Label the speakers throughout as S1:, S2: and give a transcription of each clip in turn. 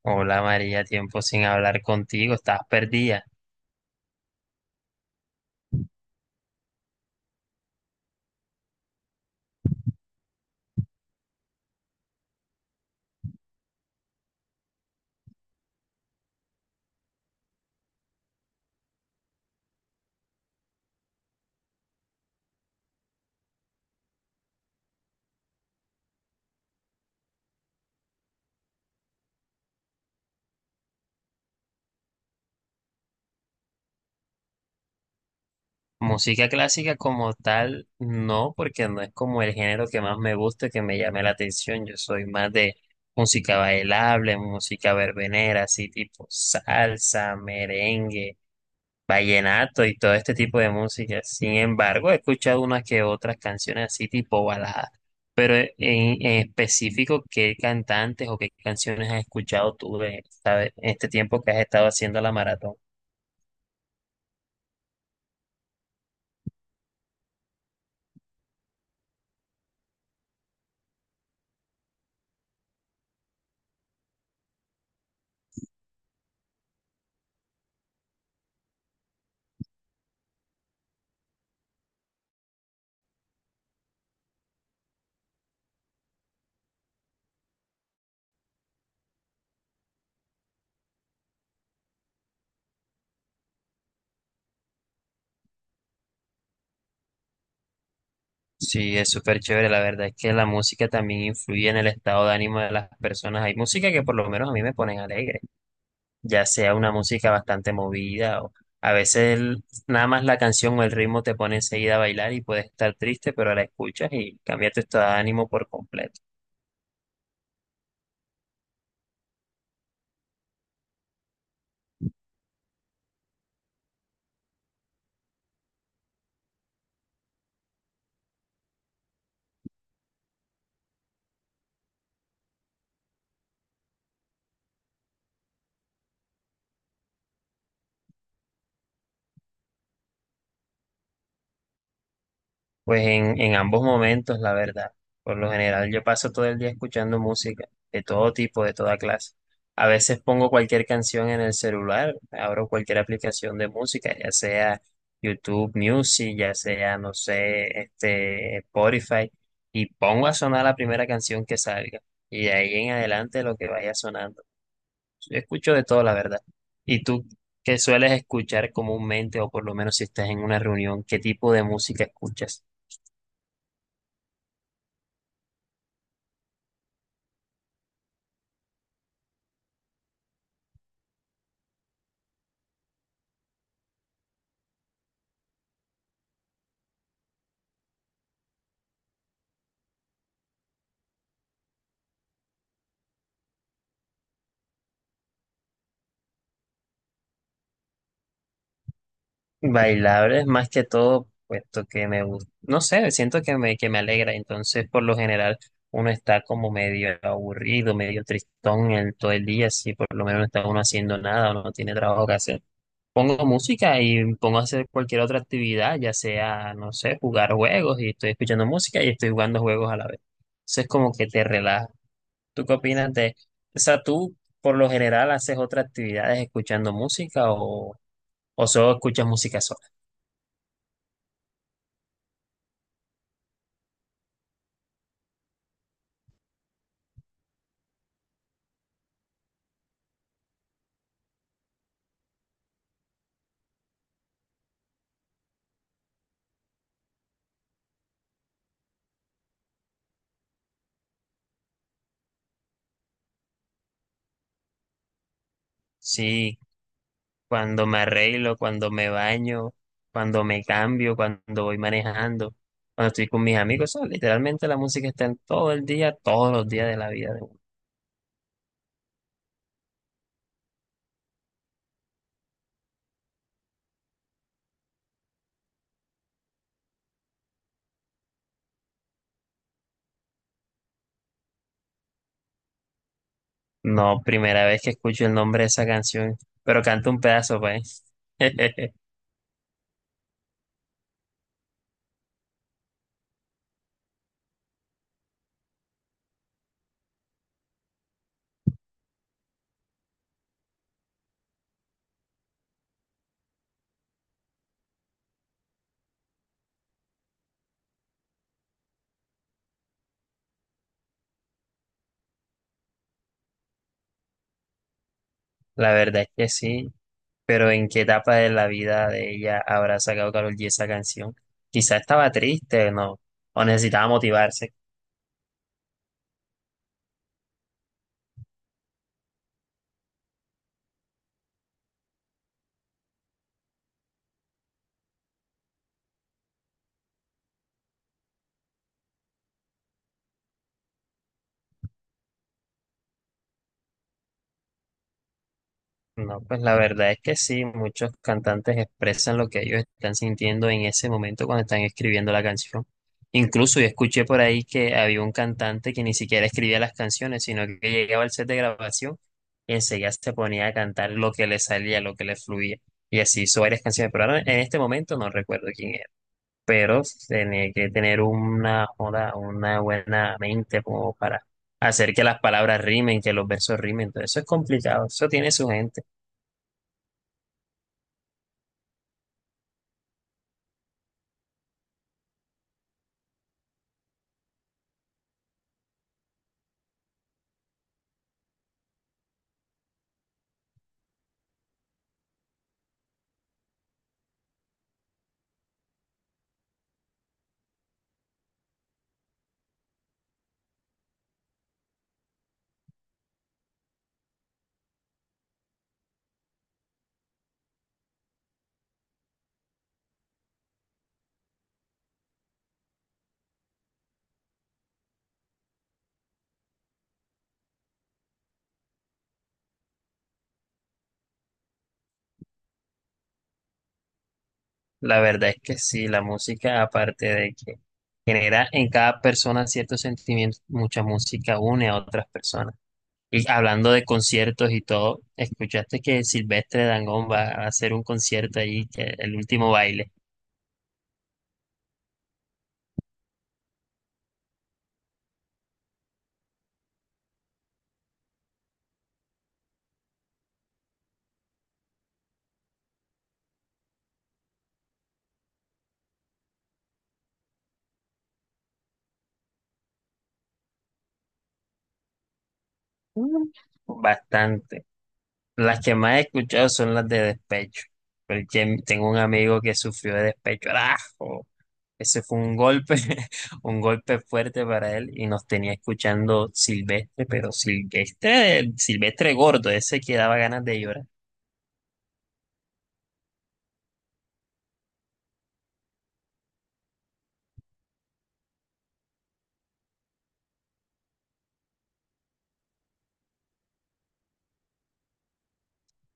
S1: Hola María, tiempo sin hablar contigo, estás perdida. Música clásica como tal, no, porque no es como el género que más me gusta, que me llame la atención. Yo soy más de música bailable, música verbenera, así tipo salsa, merengue, vallenato y todo este tipo de música. Sin embargo, he escuchado unas que otras canciones así tipo baladas. Pero en específico, ¿qué cantantes o qué canciones has escuchado tú de en este tiempo que has estado haciendo la maratón? Sí, es súper chévere. La verdad es que la música también influye en el estado de ánimo de las personas. Hay música que por lo menos a mí me ponen alegre, ya sea una música bastante movida o a veces nada más la canción o el ritmo te pone enseguida a bailar y puedes estar triste, pero la escuchas y cambia tu estado de ánimo por completo. Pues en ambos momentos, la verdad. Por lo general, yo paso todo el día escuchando música, de todo tipo, de toda clase. A veces pongo cualquier canción en el celular, abro cualquier aplicación de música, ya sea YouTube Music, ya sea, no sé, este, Spotify, y pongo a sonar la primera canción que salga. Y de ahí en adelante lo que vaya sonando. Yo escucho de todo, la verdad. ¿Y tú qué sueles escuchar comúnmente, o por lo menos si estás en una reunión, qué tipo de música escuchas? Bailables más que todo, puesto que me gusta, no sé, siento que me alegra, entonces por lo general uno está como medio aburrido, medio tristón todo el día, si por lo menos no está uno haciendo nada o no tiene trabajo que hacer. Pongo música y pongo a hacer cualquier otra actividad, ya sea, no sé, jugar juegos y estoy escuchando música y estoy jugando juegos a la vez. Entonces como que te relaja. ¿Tú qué opinas de, o sea, tú por lo general haces otras actividades escuchando música o solo escuchas música sola? Sí, cuando me arreglo, cuando me baño, cuando me cambio, cuando voy manejando, cuando estoy con mis amigos, o sea, literalmente la música está en todo el día, todos los días de la vida. De uno. No, primera vez que escucho el nombre de esa canción, pero canto un pedazo, pues. La verdad es que sí, pero ¿en qué etapa de la vida de ella habrá sacado Karol G esa canción? Quizá estaba triste, ¿no? O necesitaba motivarse. No, pues la verdad es que sí, muchos cantantes expresan lo que ellos están sintiendo en ese momento cuando están escribiendo la canción. Incluso yo escuché por ahí que había un cantante que ni siquiera escribía las canciones, sino que llegaba al set de grabación y enseguida se ponía a cantar lo que le salía, lo que le fluía. Y así hizo varias canciones, pero ahora en este momento no recuerdo quién era. Pero tenía que tener una, joda, una buena mente como para hacer que las palabras rimen, que los versos rimen. Entonces eso es complicado, eso tiene su gente. La verdad es que sí, la música, aparte de que genera en cada persona ciertos sentimientos, mucha música une a otras personas. Y hablando de conciertos y todo, escuchaste que Silvestre Dangond va a hacer un concierto ahí, que el último baile, bastante. Las que más he escuchado son las de despecho. Porque tengo un amigo que sufrió de despecho. ¡Arajo! Ese fue un golpe, un golpe fuerte para él y nos tenía escuchando Silvestre, pero Silvestre gordo, ese que daba ganas de llorar.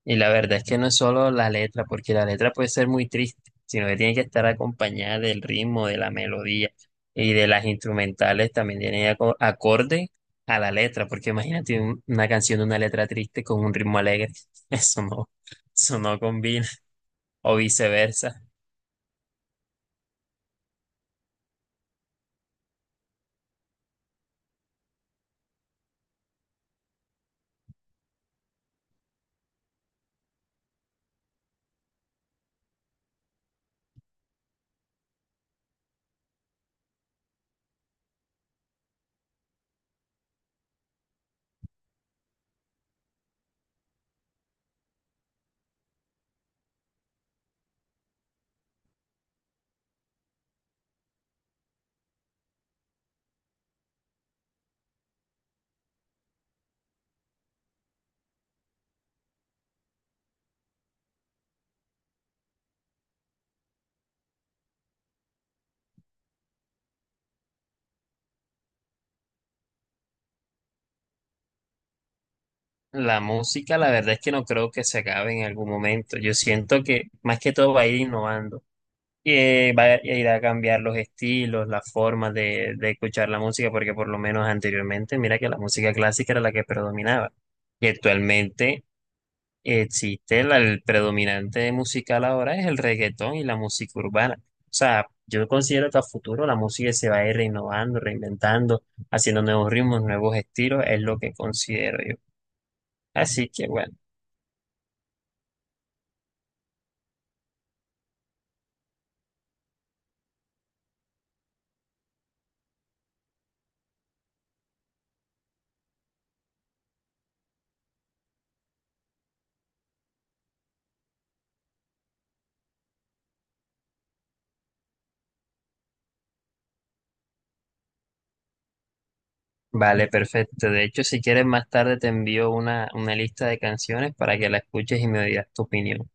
S1: Y la verdad es que no es solo la letra, porque la letra puede ser muy triste, sino que tiene que estar acompañada del ritmo, de la melodía y de las instrumentales también tiene acorde a la letra, porque imagínate una canción de una letra triste con un ritmo alegre, eso no, eso no combina, o viceversa. La música, la verdad es que no creo que se acabe en algún momento. Yo siento que más que todo va a ir innovando. Va a ir a cambiar los estilos, las formas de escuchar la música, porque por lo menos anteriormente, mira que la música clásica era la que predominaba. Y actualmente existe el predominante musical ahora es el reggaetón y la música urbana. O sea, yo considero que a futuro la música se va a ir renovando, reinventando, haciendo nuevos ritmos, nuevos estilos, es lo que considero yo. Así que bueno. Vale, perfecto. De hecho, si quieres más tarde te envío una lista de canciones para que la escuches y me digas tu opinión.